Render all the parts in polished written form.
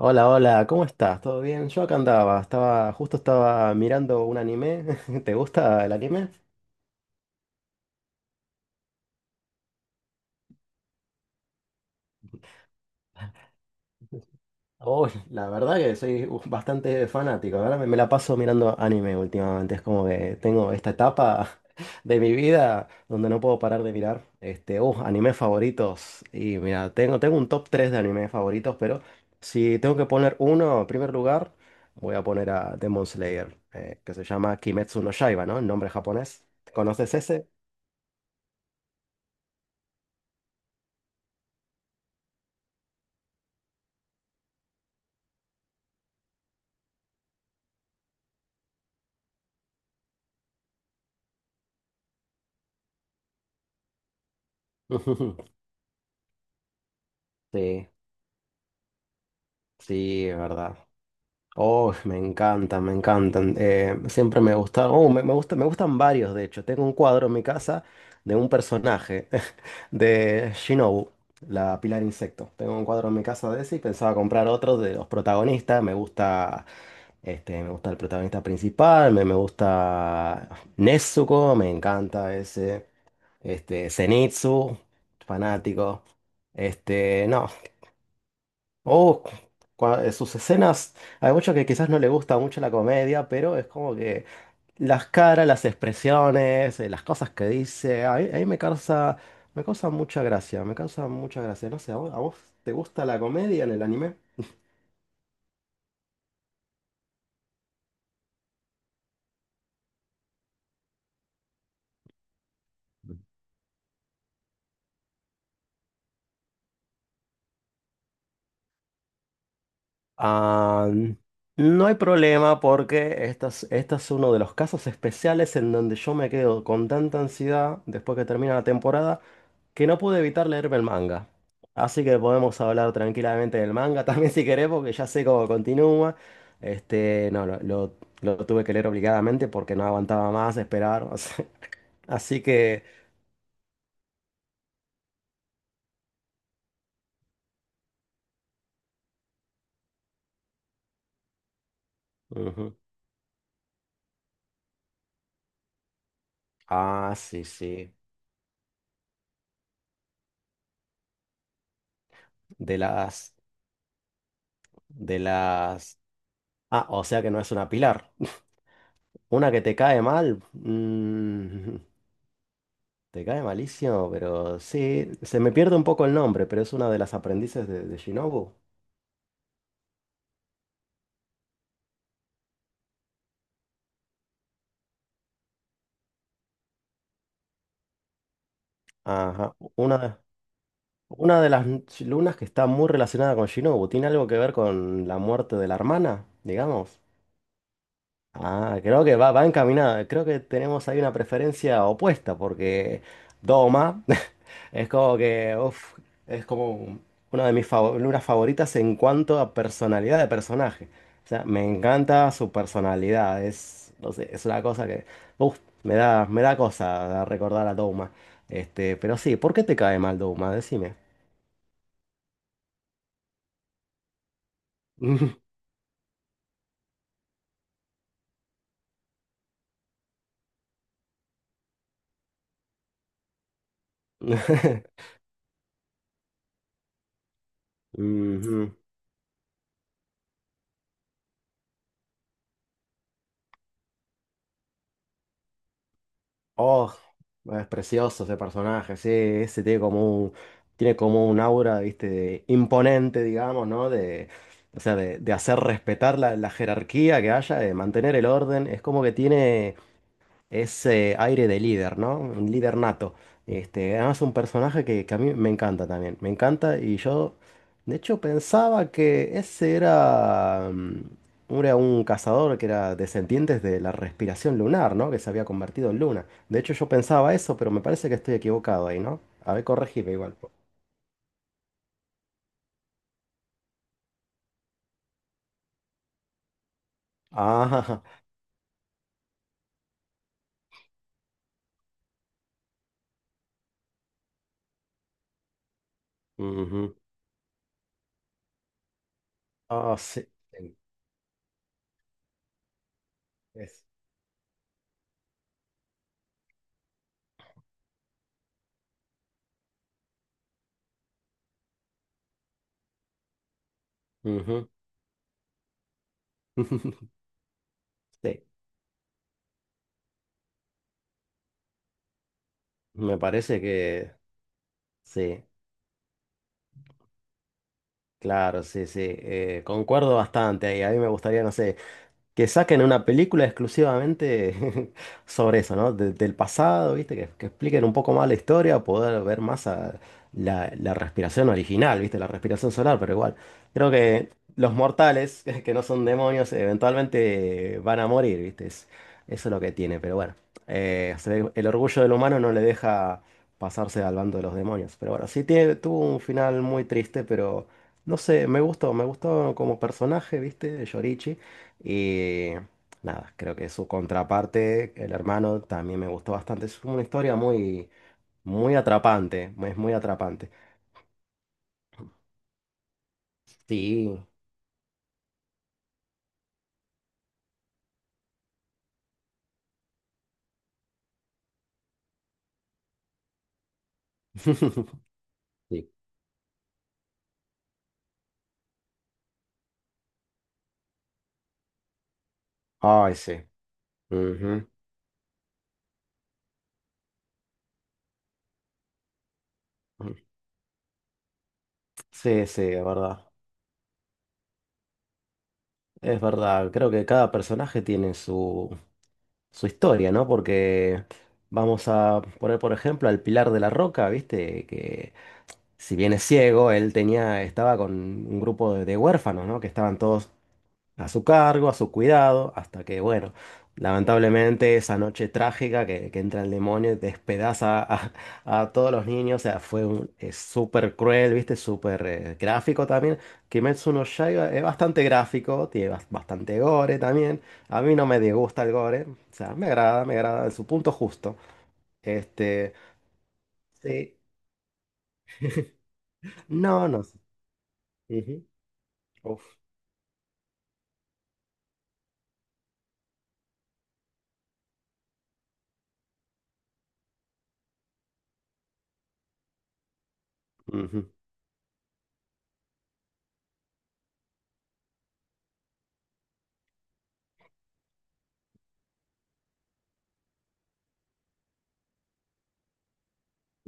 Hola, hola, ¿cómo estás? ¿Todo bien? Yo acá andaba, estaba, justo estaba mirando un anime. ¿Te gusta el anime? Oh, la verdad que soy bastante fanático, ahora me la paso mirando anime últimamente. Es como que tengo esta etapa de mi vida donde no puedo parar de mirar. Este, animes favoritos. Y mira, tengo un top 3 de animes favoritos, pero si tengo que poner uno en primer lugar, voy a poner a Demon Slayer, que se llama Kimetsu no Yaiba, ¿no? El nombre japonés. ¿Conoces ese? Ujú. Sí, sí, es verdad. Oh, me encantan, me encantan. Siempre me gusta, oh, me gusta, me gustan varios, de hecho. Tengo un cuadro en mi casa de un personaje de Shinobu, la Pilar Insecto. Tengo un cuadro en mi casa de ese y pensaba comprar otro de los protagonistas. Me gusta, este, me gusta el protagonista principal, me gusta Nezuko, me encanta ese, este, Zenitsu, fanático. Este, no. Oh, sus escenas, hay mucho que quizás no le gusta mucho la comedia, pero es como que las caras, las expresiones, las cosas que dice, a mí me causa mucha gracia, me causa mucha gracia. No sé, ¿a vos te gusta la comedia en el anime? Ah, no hay problema porque esta es uno de los casos especiales en donde yo me quedo con tanta ansiedad después que termina la temporada que no pude evitar leerme el manga. Así que podemos hablar tranquilamente del manga también si querés porque ya sé cómo continúa. Este, no, lo tuve que leer obligadamente porque no aguantaba más esperar. O sea, así que... Ujú. Ah, sí, sí. De las... De las... Ah, o sea que no es una pilar. Una que te cae mal. Te cae malísimo, pero sí. Se me pierde un poco el nombre, pero es una de las aprendices de Shinobu. Ajá. Una, una de las lunas que está muy relacionada con Shinobu. ¿Tiene algo que ver con la muerte de la hermana, digamos? Ah, creo que va, va encaminada. Creo que tenemos ahí una preferencia opuesta, porque Doma es como que, uf, es como una de mis figuras favoritas en cuanto a personalidad de personaje. O sea, me encanta su personalidad. Es, no sé, es una cosa que, uf, me da cosa recordar a Doma. Este, pero sí, ¿por qué te cae mal Doma? Decime. Ujú. Oh, bueno, es precioso ese personaje, sí, ese tiene como un aura, viste, imponente, digamos, ¿no? De, o sea, de hacer respetar la, la jerarquía que haya, de mantener el orden. Es como que tiene. Ese aire de líder, ¿no? Un líder nato. Este, además un personaje que a mí me encanta también. Me encanta y yo, de hecho, pensaba que ese era, era un cazador que era descendiente de la respiración lunar, ¿no? Que se había convertido en luna. De hecho, yo pensaba eso, pero me parece que estoy equivocado ahí, ¿no? A ver, corregime igual. Ah, ujú. Ah, sí. Sí, es. Ujú. Sí, me parece que sí. Claro, sí, sí, concuerdo bastante ahí. A mí me gustaría, no sé, que saquen una película exclusivamente sobre eso, ¿no? Del pasado, ¿viste? Que expliquen un poco más la historia, poder ver más a la, la respiración original, ¿viste? La respiración solar, pero igual. Creo que los mortales, que no son demonios, eventualmente van a morir, ¿viste? Eso es lo que tiene, pero bueno. El orgullo del humano no le deja pasarse al bando de los demonios. Pero bueno, sí tiene, tuvo un final muy triste, pero no sé, me gustó como personaje, ¿viste? Yorichi. Y nada, creo que su contraparte, el hermano, también me gustó bastante. Es una historia muy, muy atrapante. Es muy atrapante. Sí. Sí. Ay, sí. Ujú. Sí, sí, es verdad. Es verdad. Creo que cada personaje tiene su, su historia, ¿no? Porque vamos a poner, por ejemplo, al Pilar de la Roca, ¿viste? Que si bien es ciego, él tenía, estaba con un grupo de huérfanos, ¿no? Que estaban todos a su cargo, a su cuidado, hasta que, bueno, lamentablemente esa noche trágica que entra el demonio y despedaza a todos los niños, o sea, fue un, es súper cruel, ¿viste? Súper gráfico también. Kimetsu no Yaiba es bastante gráfico, tiene bastante gore también. A mí no me disgusta el gore, o sea, me agrada en su punto justo. Este, sí, no, no sé. Ujú. Uf.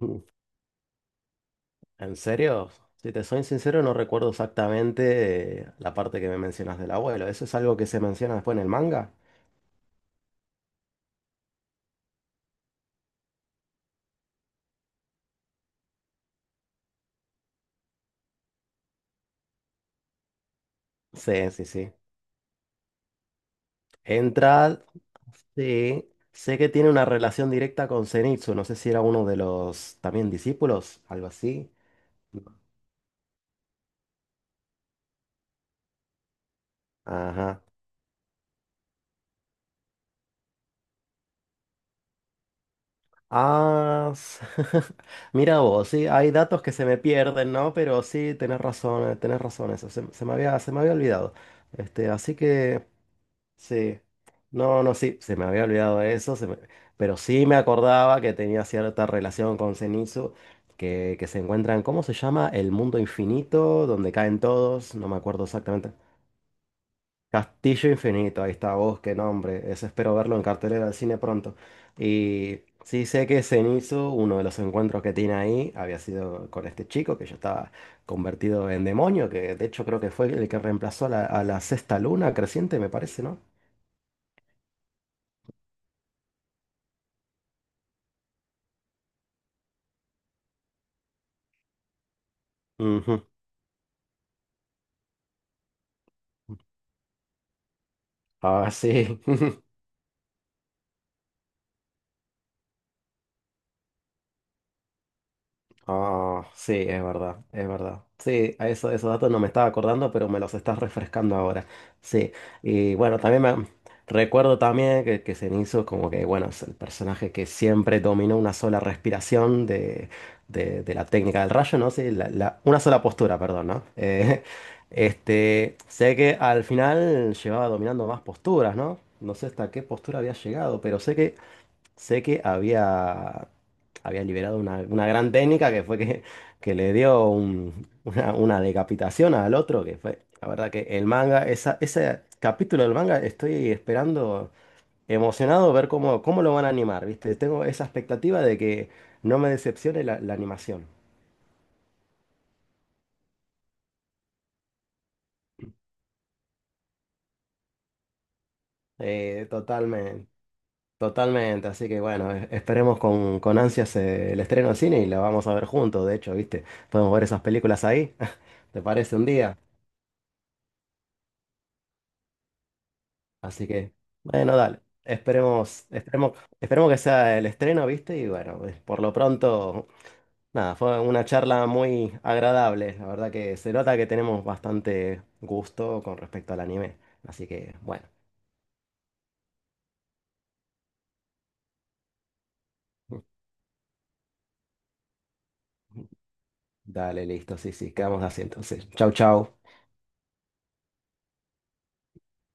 Ujú. En serio, si te soy sincero, no recuerdo exactamente la parte que me mencionas del abuelo. ¿Eso es algo que se menciona después en el manga? Sí, sí, sí. Entra, sí. Sé que tiene una relación directa con Zenitsu. No sé si era uno de los también discípulos, algo así. Ajá. Ah, mira vos, sí, hay datos que se me pierden, ¿no? Pero sí, tenés razón, eso se, se me había olvidado. Este, así que. Sí. No, no, sí, se me había olvidado de eso, pero sí me acordaba que tenía cierta relación con Zenitsu, que se encuentran, ¿cómo se llama? El mundo infinito, donde caen todos, no me acuerdo exactamente. Castillo Infinito, ahí está vos, qué nombre. Ese espero verlo en cartelera del cine pronto. Y sí sé que Zenitsu, uno de los encuentros que tiene ahí, había sido con este chico que ya estaba convertido en demonio, que de hecho creo que fue el que reemplazó a la sexta luna creciente, me parece, ¿no? Ujú. Ah, sí. Ah, sí, es verdad, es verdad. Sí, a eso, esos datos no me estaba acordando, pero me los estás refrescando ahora. Sí, y bueno, también me recuerdo también que Zenitsu como que, bueno, es el personaje que siempre dominó una sola respiración de, de la técnica del rayo, ¿no? Sí, una sola postura, perdón, ¿no? Este, sé que al final llevaba dominando más posturas, ¿no? No sé hasta qué postura había llegado, pero sé que había, había liberado una gran técnica que fue que le dio una decapitación al otro, que fue, la verdad que el manga, esa, ese capítulo del manga estoy esperando emocionado ver cómo, cómo lo van a animar, ¿viste? Tengo esa expectativa de que no me decepcione la, la animación. Totalmente, totalmente, así que bueno, esperemos con ansias el estreno en cine y la vamos a ver juntos, de hecho, ¿viste? Podemos ver esas películas ahí, ¿te parece un día? Así que, bueno, dale. Esperemos, esperemos, esperemos que sea el estreno, ¿viste? Y bueno, por lo pronto, nada, fue una charla muy agradable. La verdad que se nota que tenemos bastante gusto con respecto al anime. Así que, bueno, dale, listo, sí, sí, quedamos así entonces. Chau, chau.